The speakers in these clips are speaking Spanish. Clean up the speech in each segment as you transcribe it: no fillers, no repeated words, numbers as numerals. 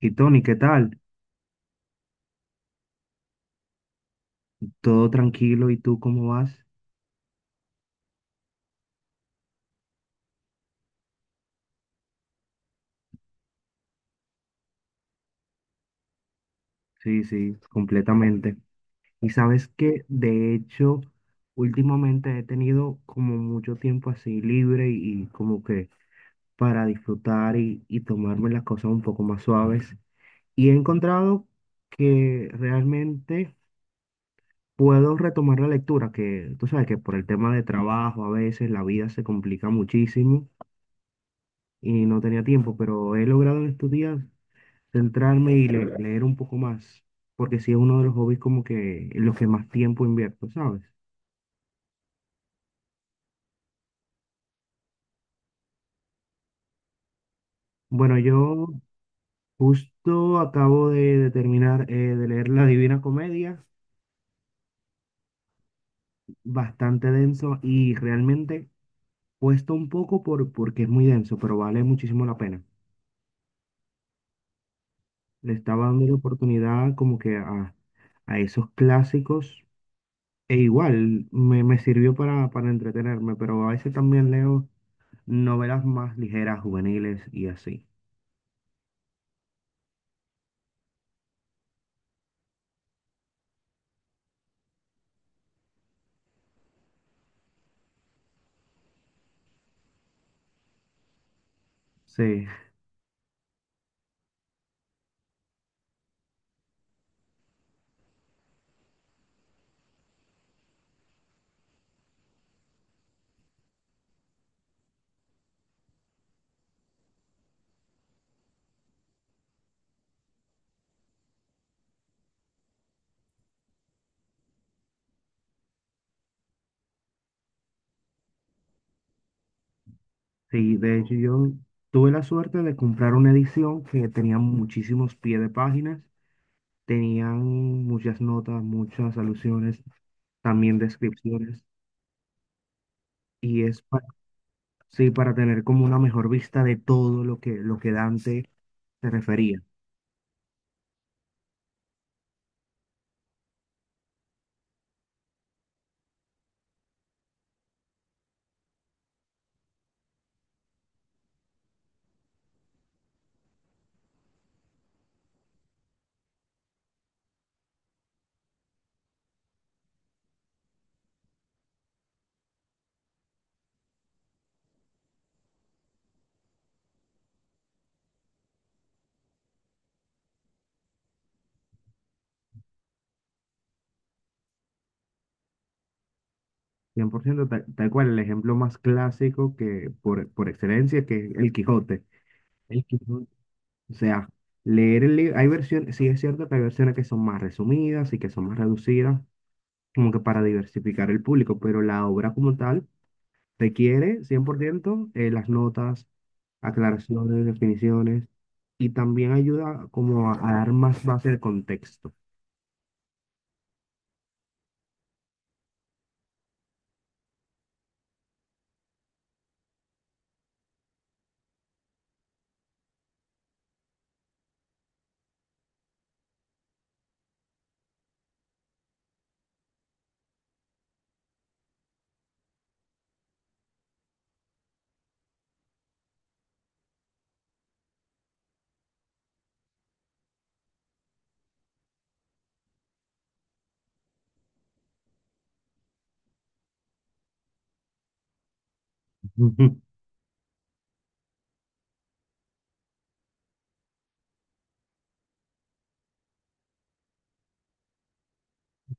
Y Tony, ¿qué tal? ¿Todo tranquilo? ¿Y tú cómo vas? Sí, sí, completamente. Y sabes que, de hecho, últimamente he tenido como mucho tiempo así libre y como que para disfrutar y tomarme las cosas un poco más suaves. Y he encontrado que realmente puedo retomar la lectura, que tú sabes que por el tema de trabajo a veces la vida se complica muchísimo y no tenía tiempo, pero he logrado en estos días centrarme y leer un poco más, porque sí es uno de los hobbies como que en los que más tiempo invierto, ¿sabes? Bueno, yo justo acabo de terminar de leer La Divina Comedia, bastante denso y realmente cuesta un poco porque es muy denso, pero vale muchísimo la pena. Le estaba dando la oportunidad como que a esos clásicos e igual me sirvió para entretenerme, pero a veces también leo novelas más ligeras, juveniles y así. Sí, sí, de hecho yo tuve la suerte de comprar una edición que tenía muchísimos pies de páginas, tenían muchas notas, muchas alusiones, también descripciones, y es sí, para tener como una mejor vista de todo lo lo que Dante se refería. Cien por ciento, tal, tal cual, el ejemplo más clásico que por excelencia que es el Quijote. El Quijote, o sea, leer el libro, hay versiones, sí es cierto que hay versiones que son más resumidas y que son más reducidas, como que para diversificar el público, pero la obra como tal requiere 100% las notas, aclaraciones, definiciones, y también ayuda como a dar más base de contexto. Ujú.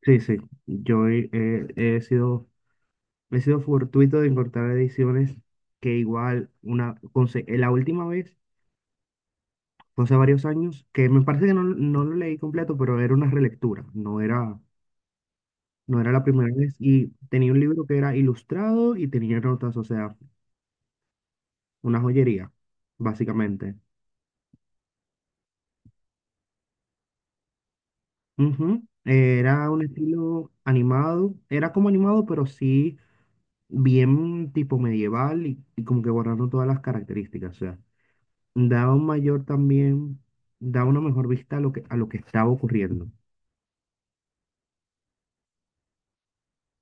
Sí, sí, yo he sido, he sido fortuito de encontrar ediciones que igual, una, la última vez, fue hace varios años, que me parece que no, no lo leí completo, pero era una relectura, no era la primera vez y tenía un libro que era ilustrado y tenía notas, o sea, una joyería, básicamente. Ujú. Era un estilo animado, era como animado, pero sí bien tipo medieval y como que borrando todas las características, o sea, daba un mayor también, daba una mejor vista a lo a lo que estaba ocurriendo.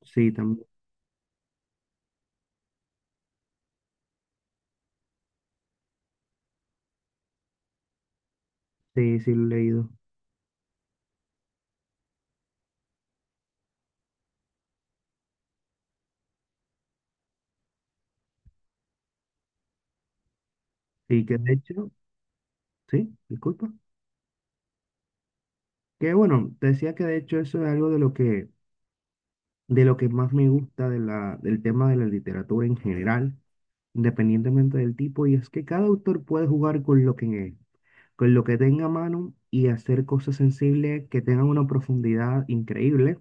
Sí, también, sí, sí, lo he leído. Y que de hecho, sí, disculpa. Que bueno, te decía que de hecho eso es algo de lo que más me gusta de del tema de la literatura en general, independientemente del tipo, y es que cada autor puede jugar con lo con lo que tenga a mano y hacer cosas sensibles que tengan una profundidad increíble.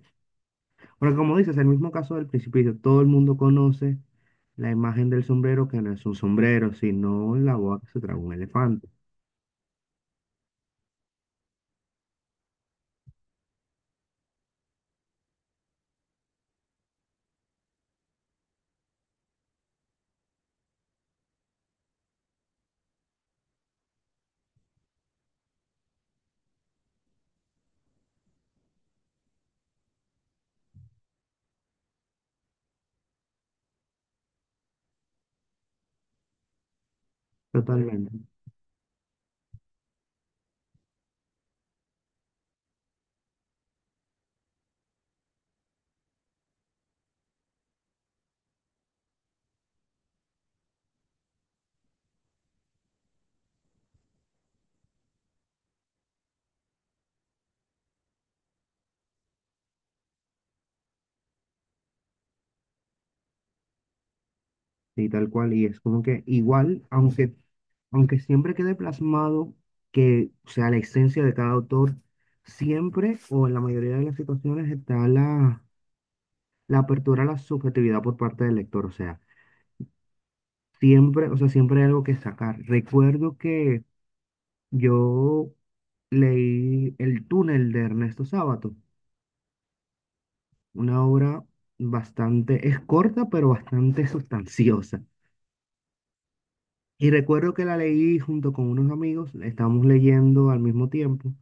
Porque como dices, el mismo caso del Principito, todo el mundo conoce la imagen del sombrero, que no es un sombrero, sino la boca que se traga un elefante. Totalmente. Sí, tal cual, y es como que igual, aunque siempre quede plasmado que, o sea, la esencia de cada autor, siempre o en la mayoría de las situaciones está la apertura a la subjetividad por parte del lector, o sea, siempre hay algo que sacar. Recuerdo que yo leí El túnel de Ernesto Sábato, una obra bastante, es corta, pero bastante sustanciosa. Y recuerdo que la leí junto con unos amigos, la estábamos leyendo al mismo tiempo,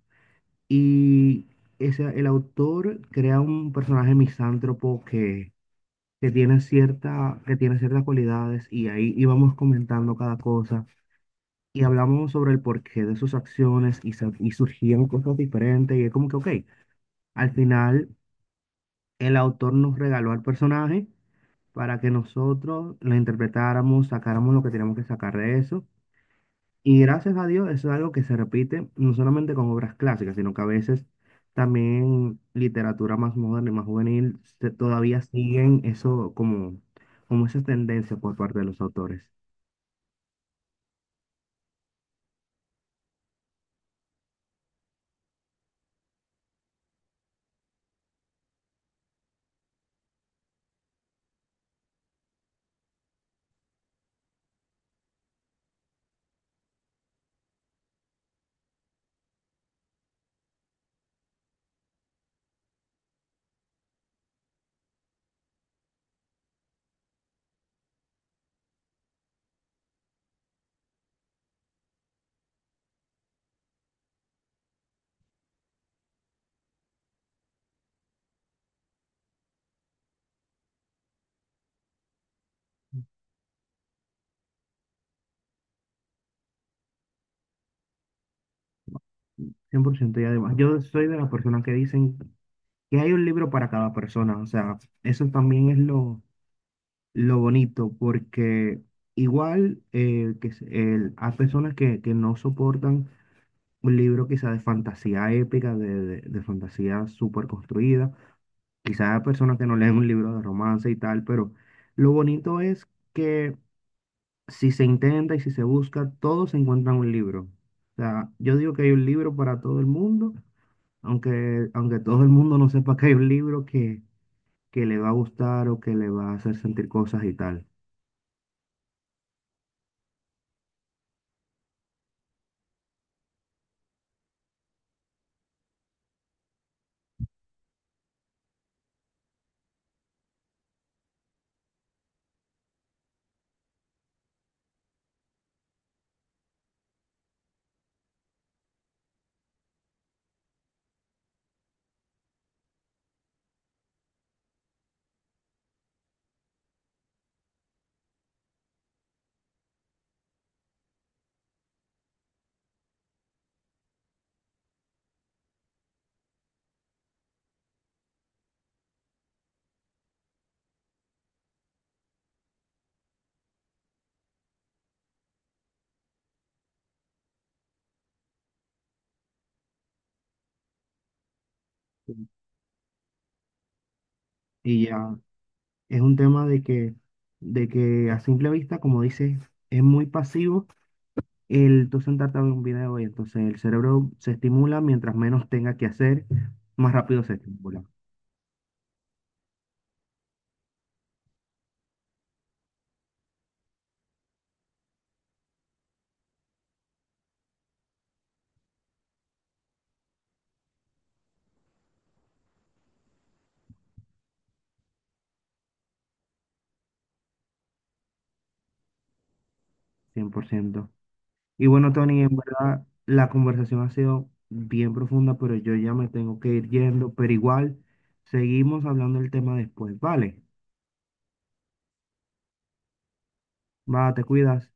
y ese, el autor crea un personaje misántropo que tiene que tiene ciertas cualidades, y ahí íbamos comentando cada cosa, y hablamos sobre el porqué de sus acciones, y, y surgían cosas diferentes, y es como que, ok, al final el autor nos regaló al personaje para que nosotros lo interpretáramos, sacáramos lo que teníamos que sacar de eso. Y gracias a Dios, eso es algo que se repite no solamente con obras clásicas, sino que a veces también literatura más moderna y más juvenil todavía siguen eso como, como esa tendencia por parte de los autores. Cien por ciento, y además, yo soy de las personas que dicen que hay un libro para cada persona, o sea, eso también es lo bonito, porque igual hay personas que no soportan un libro quizá de fantasía épica, de fantasía súper construida, quizás a personas que no leen un libro de romance y tal, pero lo bonito es que si se intenta y si se busca, todos se encuentran un libro. O sea, yo digo que hay un libro para todo el mundo, aunque todo el mundo no sepa que hay un libro que le va a gustar o que le va a hacer sentir cosas y tal. Y ya es un tema de de que a simple vista, como dices, es muy pasivo el tú sentarte a ver un video y entonces el cerebro se estimula mientras menos tenga que hacer, más rápido se estimula, cien por ciento. Y bueno, Tony, en verdad la conversación ha sido bien profunda, pero yo ya me tengo que ir yendo, pero igual seguimos hablando del tema después, ¿vale? Va, te cuidas.